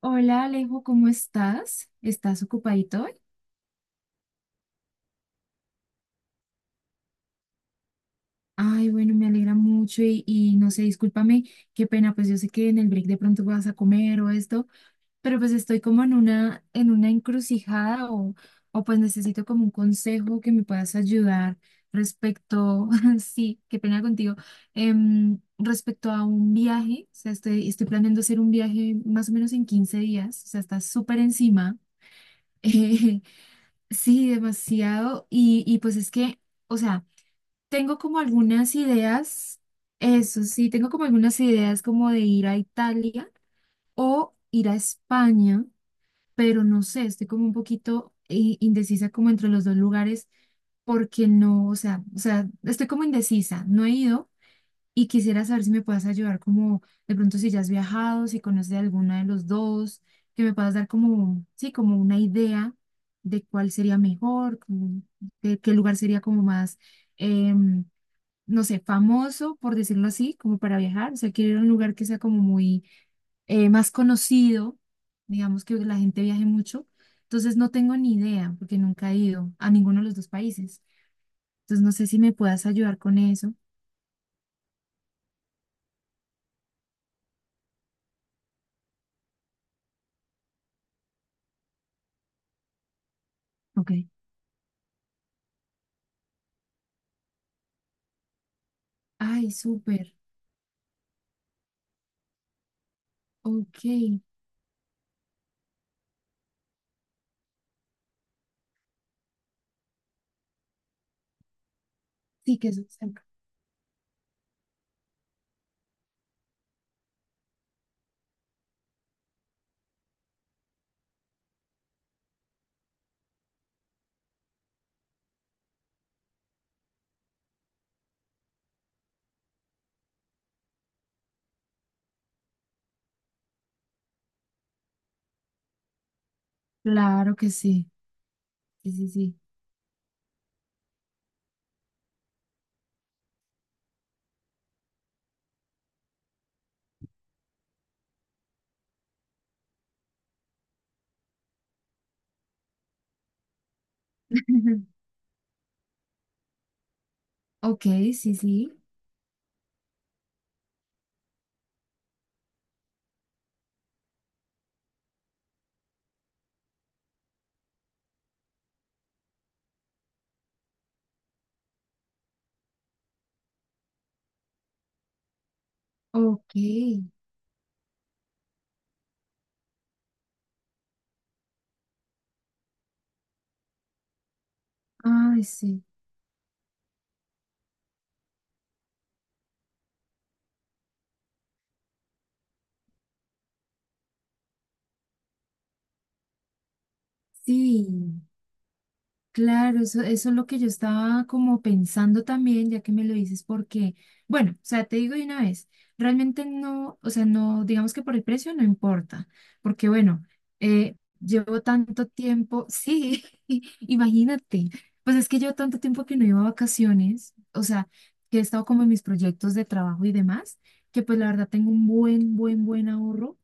Hola Alejo, ¿cómo estás? ¿Estás ocupadito hoy? Ay, bueno, me alegra mucho y no sé, discúlpame, qué pena, pues yo sé que en el break de pronto vas a comer o esto, pero pues estoy como en una encrucijada o pues necesito como un consejo que me puedas ayudar respecto, sí, qué pena contigo, respecto a un viaje, o sea, estoy planeando hacer un viaje más o menos en 15 días, o sea, está súper encima. Sí, demasiado. Y pues es que, o sea, tengo como algunas ideas, eso sí, tengo como algunas ideas como de ir a Italia o ir a España, pero no sé, estoy como un poquito indecisa como entre los dos lugares porque no, o sea, estoy como indecisa, no he ido y quisiera saber si me puedas ayudar como de pronto si ya has viajado, si conoces alguna de los dos, que me puedas dar como, sí, como una idea de cuál sería mejor, como de qué lugar sería como más, em, no sé, famoso, por decirlo así, como para viajar. O sea, quiero ir a un lugar que sea como muy más conocido, digamos que la gente viaje mucho. Entonces no tengo ni idea porque nunca he ido a ninguno de los dos países. Entonces no sé si me puedas ayudar con eso. Ok. Ay, súper. Ok, sí que eso. Cerca. Claro que sí, sí, sí, sí. Ok, sí, sí. Ok. Ay, sí. Sí. Claro, eso es lo que yo estaba como pensando también, ya que me lo dices, porque, bueno, o sea, te digo de una vez, realmente no, o sea, no, digamos que por el precio no importa, porque bueno, llevo tanto tiempo, sí, imagínate, pues es que llevo tanto tiempo que no iba a vacaciones, o sea, que he estado como en mis proyectos de trabajo y demás, que pues la verdad tengo un buen, buen, buen ahorro.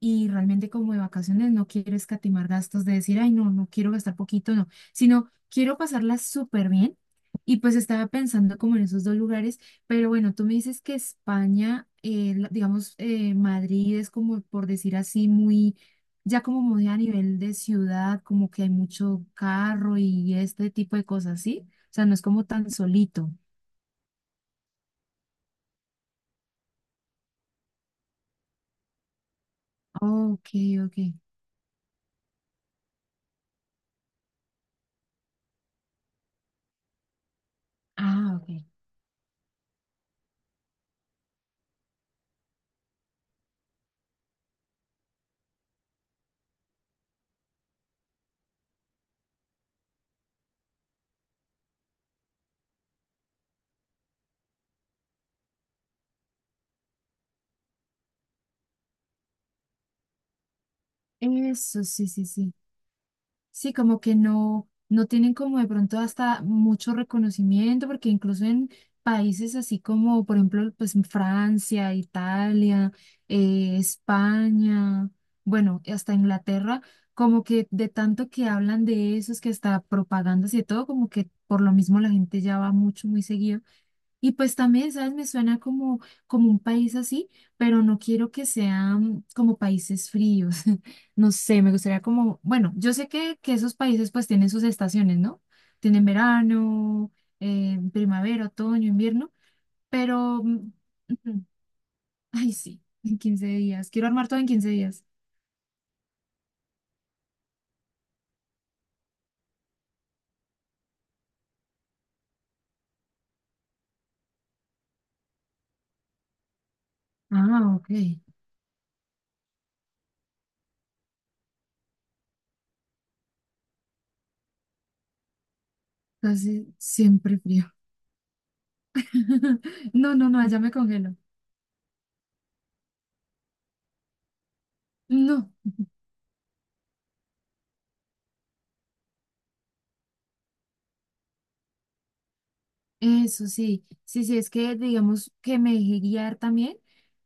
Y realmente como de vacaciones no quiero escatimar gastos de decir, ay, no, no quiero gastar poquito, no, sino quiero pasarla súper bien y pues estaba pensando como en esos dos lugares, pero bueno, tú me dices que España, digamos, Madrid es como, por decir así, muy, ya como muy a nivel de ciudad, como que hay mucho carro y este tipo de cosas, ¿sí? O sea, no es como tan solito. Ok, ok. Ah, ok. Eso, sí, sí, sí. Sí, como que no, no tienen como de pronto hasta mucho reconocimiento, porque incluso en países así como, por ejemplo, pues en Francia, Italia, España, bueno, y hasta Inglaterra, como que de tanto que hablan de eso, es que hasta propagandas y de todo, como que por lo mismo la gente ya va mucho, muy seguido. Y pues también, ¿sabes? Me suena como, como un país así, pero no quiero que sean como países fríos. No sé, me gustaría como, bueno, yo sé que esos países pues tienen sus estaciones, ¿no? Tienen verano, primavera, otoño, invierno, pero, ujú, ay, sí, en 15 días. Quiero armar todo en 15 días. Ah, ok. Casi siempre frío. No, no, no, allá me congelo. No. Eso sí, sí, sí, es que digamos que me dejé guiar también,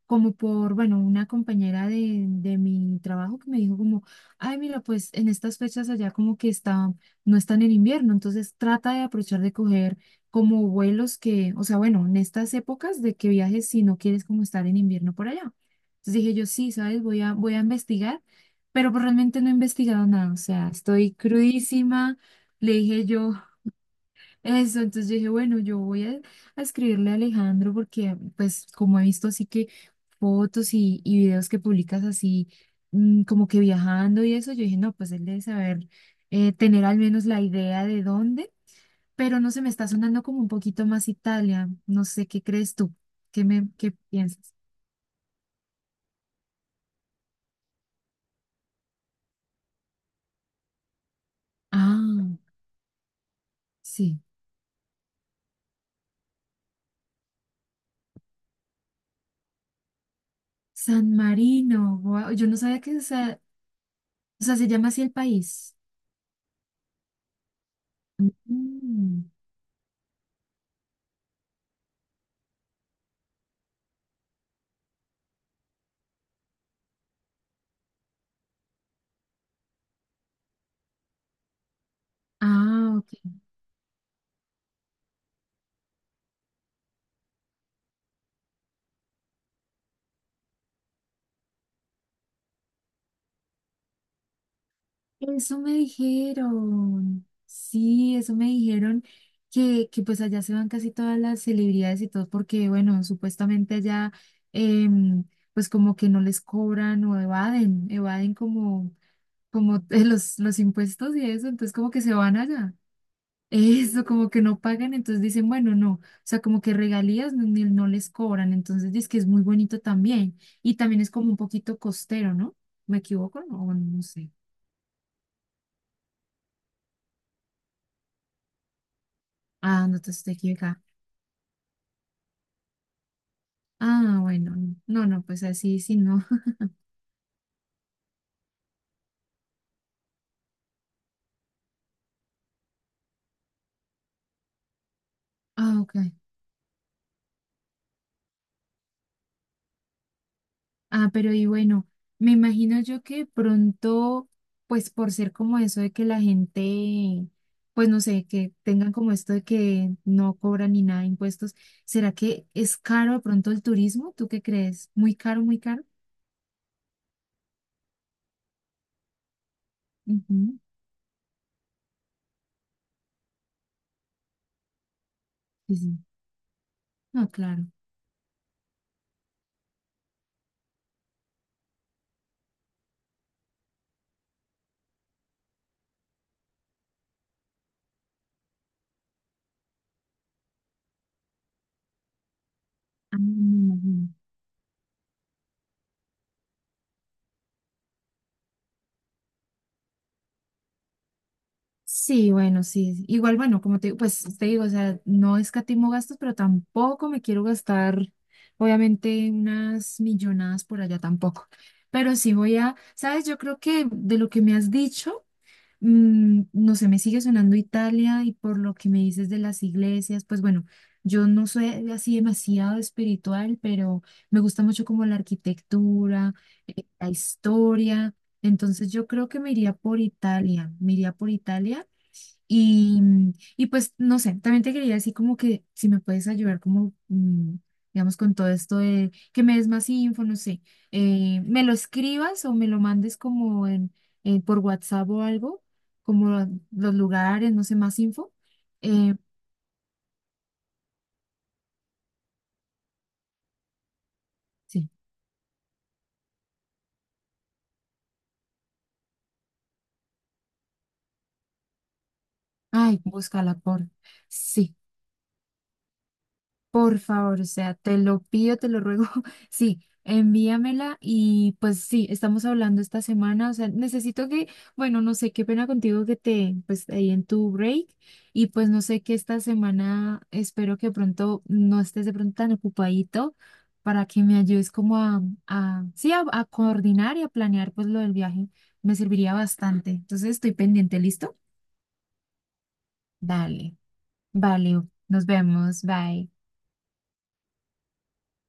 como por, bueno, una compañera de mi trabajo que me dijo como, ay, mira, pues en estas fechas allá como que está, no están en invierno, entonces trata de aprovechar de coger como vuelos que, o sea, bueno, en estas épocas de que viajes si no quieres como estar en invierno por allá. Entonces dije yo, sí, ¿sabes? Voy a investigar, pero pues realmente no he investigado nada, o sea, estoy crudísima, le dije yo. Eso, entonces yo dije, bueno, yo voy a escribirle a Alejandro porque, pues, como he visto así que fotos y videos que publicas así, como que viajando y eso, yo dije, no, pues él debe saber tener al menos la idea de dónde, pero no se me está sonando como un poquito más Italia. No sé, ¿qué crees tú? ¿Qué piensas? Ah, sí, San Marino, guau, yo no sabía que, o sea, se llama así el país. Mm. Ah, ok. Eso me dijeron, sí, eso me dijeron que pues allá se van casi todas las celebridades y todo porque, bueno, supuestamente allá em, pues como que no les cobran o evaden, como, como los impuestos y eso, entonces como que se van allá. Eso, como que no pagan, entonces dicen, bueno, no, o sea, como que regalías no, no les cobran, entonces dice que es muy bonito también y también es como un poquito costero, ¿no? ¿Me equivoco? O no. No sé. Ah, no te estoy equivocada. Ah, bueno, no, no, pues así sí, no. Ah, ok. Ah, pero y bueno, me imagino yo que pronto, pues por ser como eso de que la gente, pues no sé, que tengan como esto de que no cobran ni nada de impuestos, ¿será que es caro de pronto el turismo? ¿Tú qué crees? ¿Muy caro, muy caro? Ujú, sí, sí. No, claro. Ah, me imagino. Sí, bueno, sí. Igual, bueno, como te, pues te digo, o sea, no escatimo gastos, pero tampoco me quiero gastar, obviamente, unas millonadas por allá tampoco. Pero sí sabes, yo creo que de lo que me has dicho, no sé, me sigue sonando Italia y por lo que me dices de las iglesias, pues bueno, yo no soy así demasiado espiritual, pero me gusta mucho como la arquitectura, la historia. Entonces yo creo que me iría por Italia, me iría por Italia y, y pues, no sé, también te quería decir como que si me puedes ayudar como, digamos, con todo esto de que me des más info, no sé, me lo escribas o me lo mandes como en, por WhatsApp o algo, como los lugares, no sé, más info. Eh, sí, ay, búscala por, sí. Por favor, o sea, te lo pido, te lo ruego. Sí, envíamela y pues sí, estamos hablando esta semana. O sea, necesito que, bueno, no sé, qué pena contigo que te, pues ahí en tu break y pues no sé que esta semana espero que pronto no estés de pronto tan ocupadito para que me ayudes como a sí, a coordinar y a planear pues lo del viaje. Me serviría bastante. Entonces estoy pendiente, ¿listo? Dale, vale, nos vemos, bye.